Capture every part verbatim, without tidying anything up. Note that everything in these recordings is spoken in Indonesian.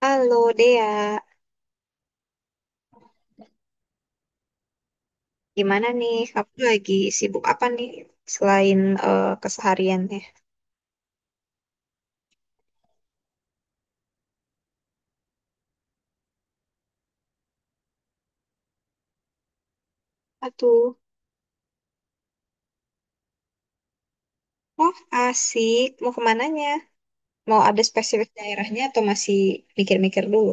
Halo Dea, gimana nih? Kamu lagi sibuk apa nih selain eh, kesehariannya? Aduh, wah asik. Mau kemananya? Mau ada spesifik daerahnya atau masih mikir-mikir dulu?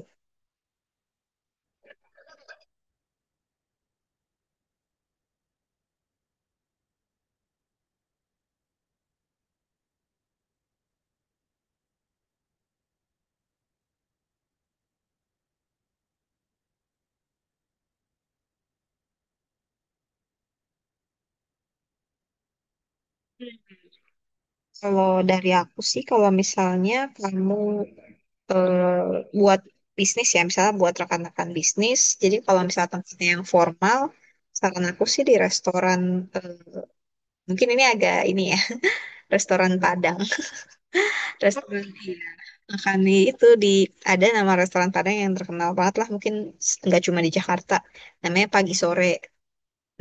Kalau dari aku sih, kalau misalnya kamu eh, buat bisnis ya, misalnya buat rekan-rekan bisnis, jadi kalau misalnya tempatnya yang formal, saran aku sih di restoran, eh, mungkin ini agak ini ya, restoran Padang, restoran di Makannya itu di ada nama restoran Padang yang terkenal banget lah mungkin s- nggak cuma di Jakarta. Namanya Pagi Sore.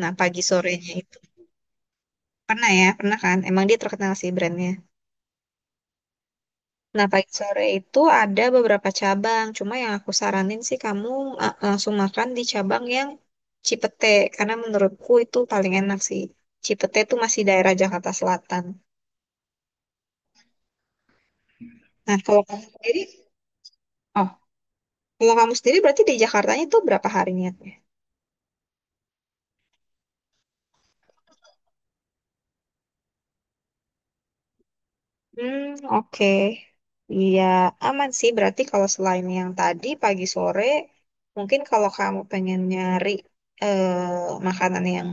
Nah Pagi Sorenya itu pernah ya pernah kan? Emang dia terkenal sih brandnya. Nah Pagi Sore itu ada beberapa cabang. Cuma yang aku saranin sih kamu eh, langsung makan di cabang yang Cipete karena menurutku itu paling enak sih. Cipete itu masih daerah Jakarta Selatan. Nah kalau kamu sendiri, oh kalau kamu sendiri berarti di Jakartanya itu berapa harinya? Hmm, oke. Iya, aman sih. Berarti kalau selain yang tadi pagi sore, mungkin kalau kamu pengen nyari eh, makanan yang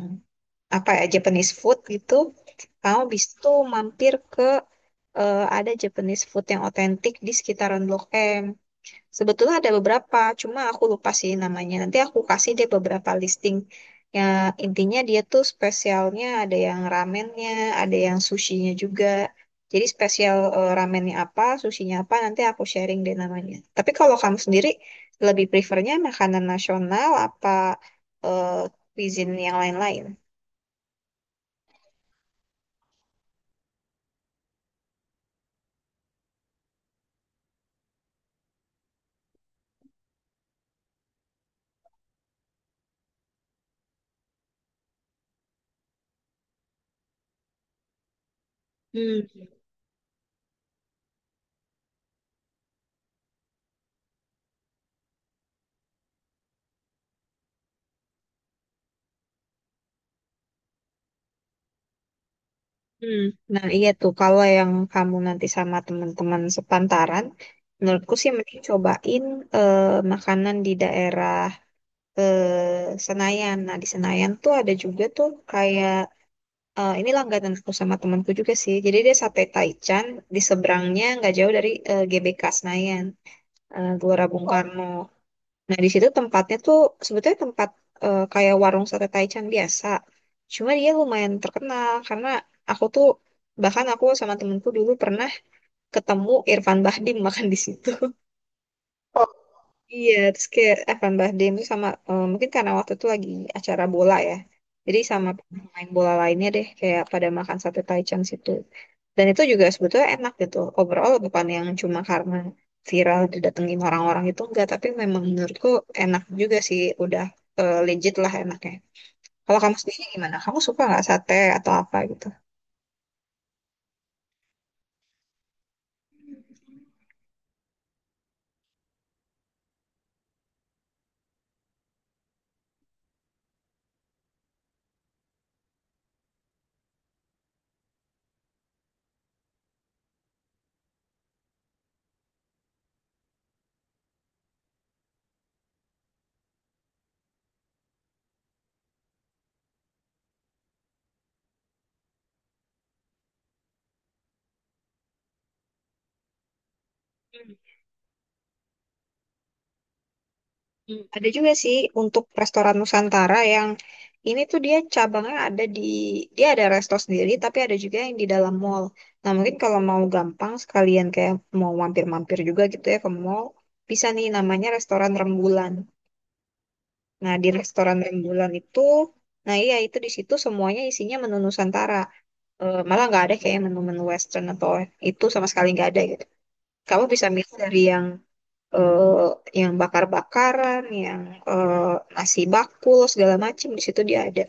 apa ya Japanese food gitu, kamu bisa tuh mampir ke eh, ada Japanese food yang otentik di sekitaran Blok M. Sebetulnya ada beberapa, cuma aku lupa sih namanya. Nanti aku kasih dia beberapa listing. Ya, intinya dia tuh spesialnya ada yang ramennya, ada yang sushinya juga. Jadi spesial eh, ramennya apa, sushinya apa, nanti aku sharing deh namanya. Tapi kalau kamu sendiri lebih prefernya makanan nasional apa eh, cuisine yang lain-lain? Hmm, nah, iya tuh. Kalau yang kamu nanti sama teman-teman sepantaran, menurutku sih mending cobain eh, makanan di daerah eh, Senayan. Nah, di Senayan tuh ada juga tuh kayak eh, ini langganan aku sama temanku juga sih. Jadi dia sate Taichan di seberangnya nggak jauh dari eh, G B K Senayan, eh, Gelora Bung Karno. Nah, di situ tempatnya tuh sebetulnya tempat eh, kayak warung sate Taichan biasa. Cuma dia lumayan terkenal karena aku tuh bahkan aku sama temenku dulu pernah ketemu Irfan Bahdim makan di situ. Oh, iya, terus kayak Irfan Bahdim tuh sama eh, mungkin karena waktu itu lagi acara bola ya. Jadi sama pemain bola lainnya deh kayak pada makan sate Taichan situ. Dan itu juga sebetulnya enak gitu. Overall bukan yang cuma karena viral didatengin orang-orang itu enggak, tapi memang menurutku enak juga sih, udah eh, legit lah enaknya. Kalau kamu sendiri gimana? Kamu suka nggak sate atau apa gitu? Hmm, hmm. Ada juga sih untuk restoran Nusantara yang ini tuh dia cabangnya ada di dia ada resto sendiri tapi ada juga yang di dalam mall. Nah mungkin kalau mau gampang sekalian kayak mau mampir-mampir juga gitu ya ke mall bisa nih namanya restoran Rembulan. Nah, di restoran rembulan itu, nah iya itu di situ semuanya isinya menu Nusantara. Eh, malah nggak ada kayak menu-menu Western atau itu sama sekali nggak ada gitu. Kamu bisa milih dari yang eh, yang bakar-bakaran, yang eh, nasi bakul segala macam di situ dia ada.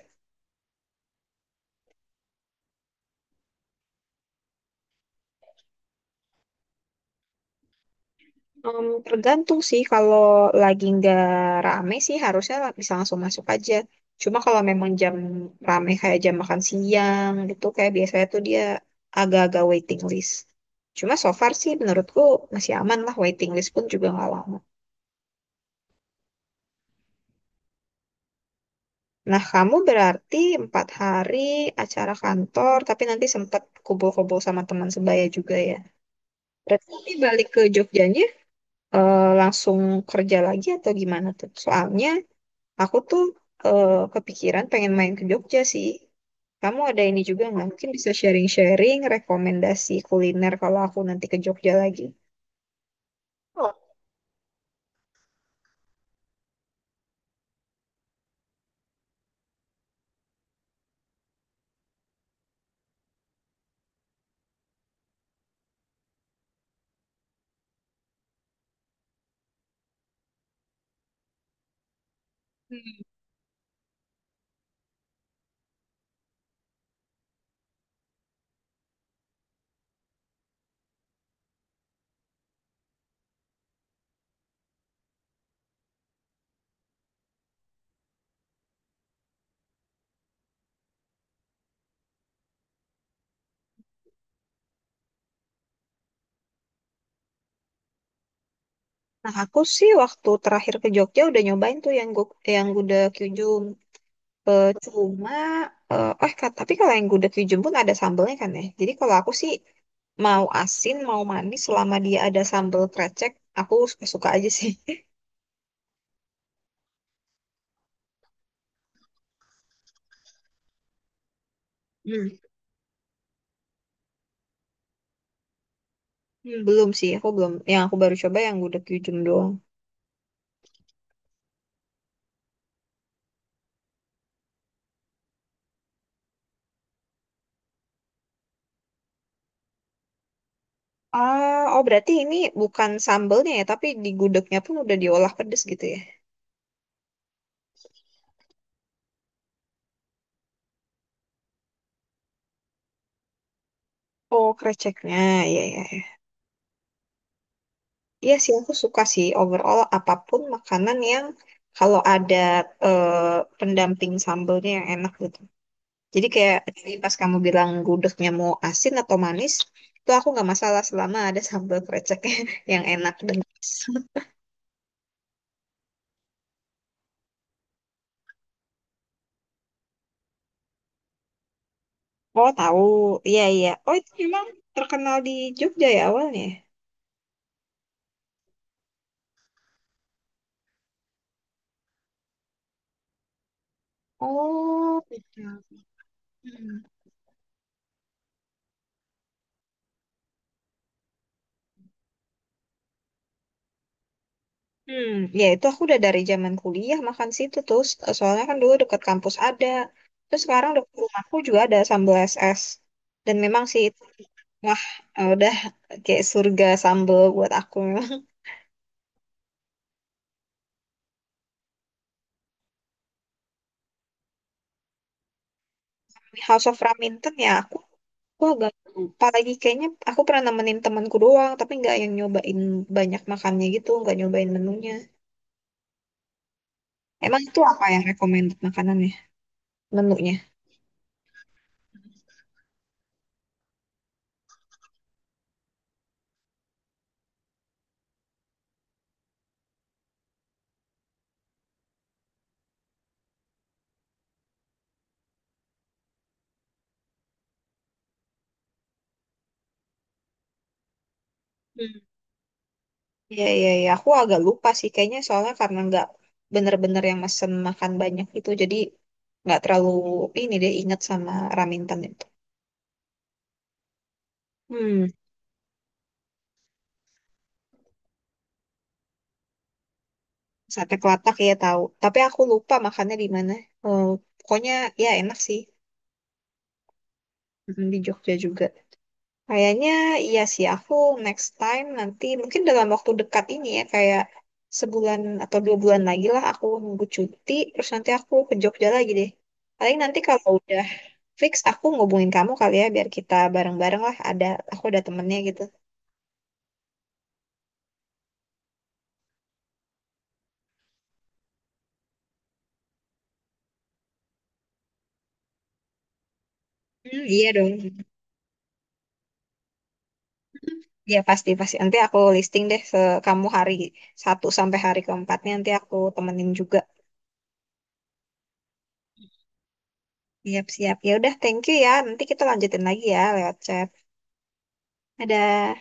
Em, tergantung sih kalau lagi nggak rame sih harusnya la- bisa langsung masuk aja. Cuma kalau memang jam rame kayak jam makan siang gitu kayak biasanya tuh dia agak-agak waiting list. Cuma so far sih menurutku masih aman lah waiting list pun juga nggak lama. Nah kamu berarti empat hari acara kantor tapi nanti sempat kumpul-kumpul sama teman sebaya juga ya. Berarti nanti balik ke Jogjanya eh, langsung kerja lagi atau gimana tuh? Soalnya aku tuh eh, kepikiran pengen main ke Jogja sih. Kamu ada ini juga nggak? Mungkin bisa sharing-sharing rekomendasi kuliner kalau aku nanti ke Jogja lagi. Oh. Nah, aku sih waktu terakhir ke Jogja udah nyobain tuh yang gu yang gudeg Kyujum. Eh, cuma, eh eh, ka- tapi kalau yang gudeg Kyujum pun ada sambelnya kan ya. Jadi kalau aku sih mau asin, mau manis, selama dia ada sambel krecek, aku suka-suka aja sih. Hmm. Hmm, belum sih, aku belum. Yang aku baru coba yang gudeg Kyujum doang. Ah, oh berarti ini bukan sambelnya ya, tapi di gudegnya pun udah diolah pedes gitu ya. Oh, kreceknya, ya ya ya. Iya sih aku suka sih overall apapun makanan yang kalau ada eh, pendamping sambelnya yang enak gitu. Jadi kayak tadi pas kamu bilang gudegnya mau asin atau manis, itu aku nggak masalah selama ada sambel kreceknya yang enak dan manis. Oh, tahu. Iya iya. Oh, itu memang terkenal di Jogja ya awalnya. Oh, betul. Hmm, ya itu aku udah dari zaman kuliah makan situ tuh. So- Soalnya kan dulu deket kampus ada. Terus sekarang deket rumahku juga ada sambal S S. Dan memang sih itu, wah eh, udah kayak surga sambal buat aku. Memang House of Raminten ya aku, aku agak lupa lagi. Kayaknya aku pernah nemenin temanku doang, tapi nggak yang nyobain banyak makannya gitu, nggak nyobain menunya. Emang itu apa yang recommended makanannya, menunya? Iya, iya, iya. Aku agak lupa sih kayaknya soalnya karena nggak bener-bener yang mesen makan banyak itu. Jadi nggak terlalu ini deh ingat sama Raminten itu. Hmm, sate kelatak ya tahu. Tapi aku lupa makannya di mana. Eh, pokoknya ya enak sih. Mm, di Jogja juga. Kayaknya iya sih aku next time nanti mungkin dalam waktu dekat ini ya kayak sebulan atau dua bulan lagi lah aku nunggu cuti terus nanti aku ke Jogja lagi deh. Paling nanti kalau udah fix aku ngubungin kamu kali ya biar kita bareng-bareng lah ada aku ada temennya gitu. Hmm, iya dong. Iya pasti pasti nanti aku listing deh ke kamu hari satu sampai hari keempatnya nanti aku temenin juga. Siap siap. Ya udah thank you ya. Nanti kita lanjutin lagi ya lewat chat. Dadah.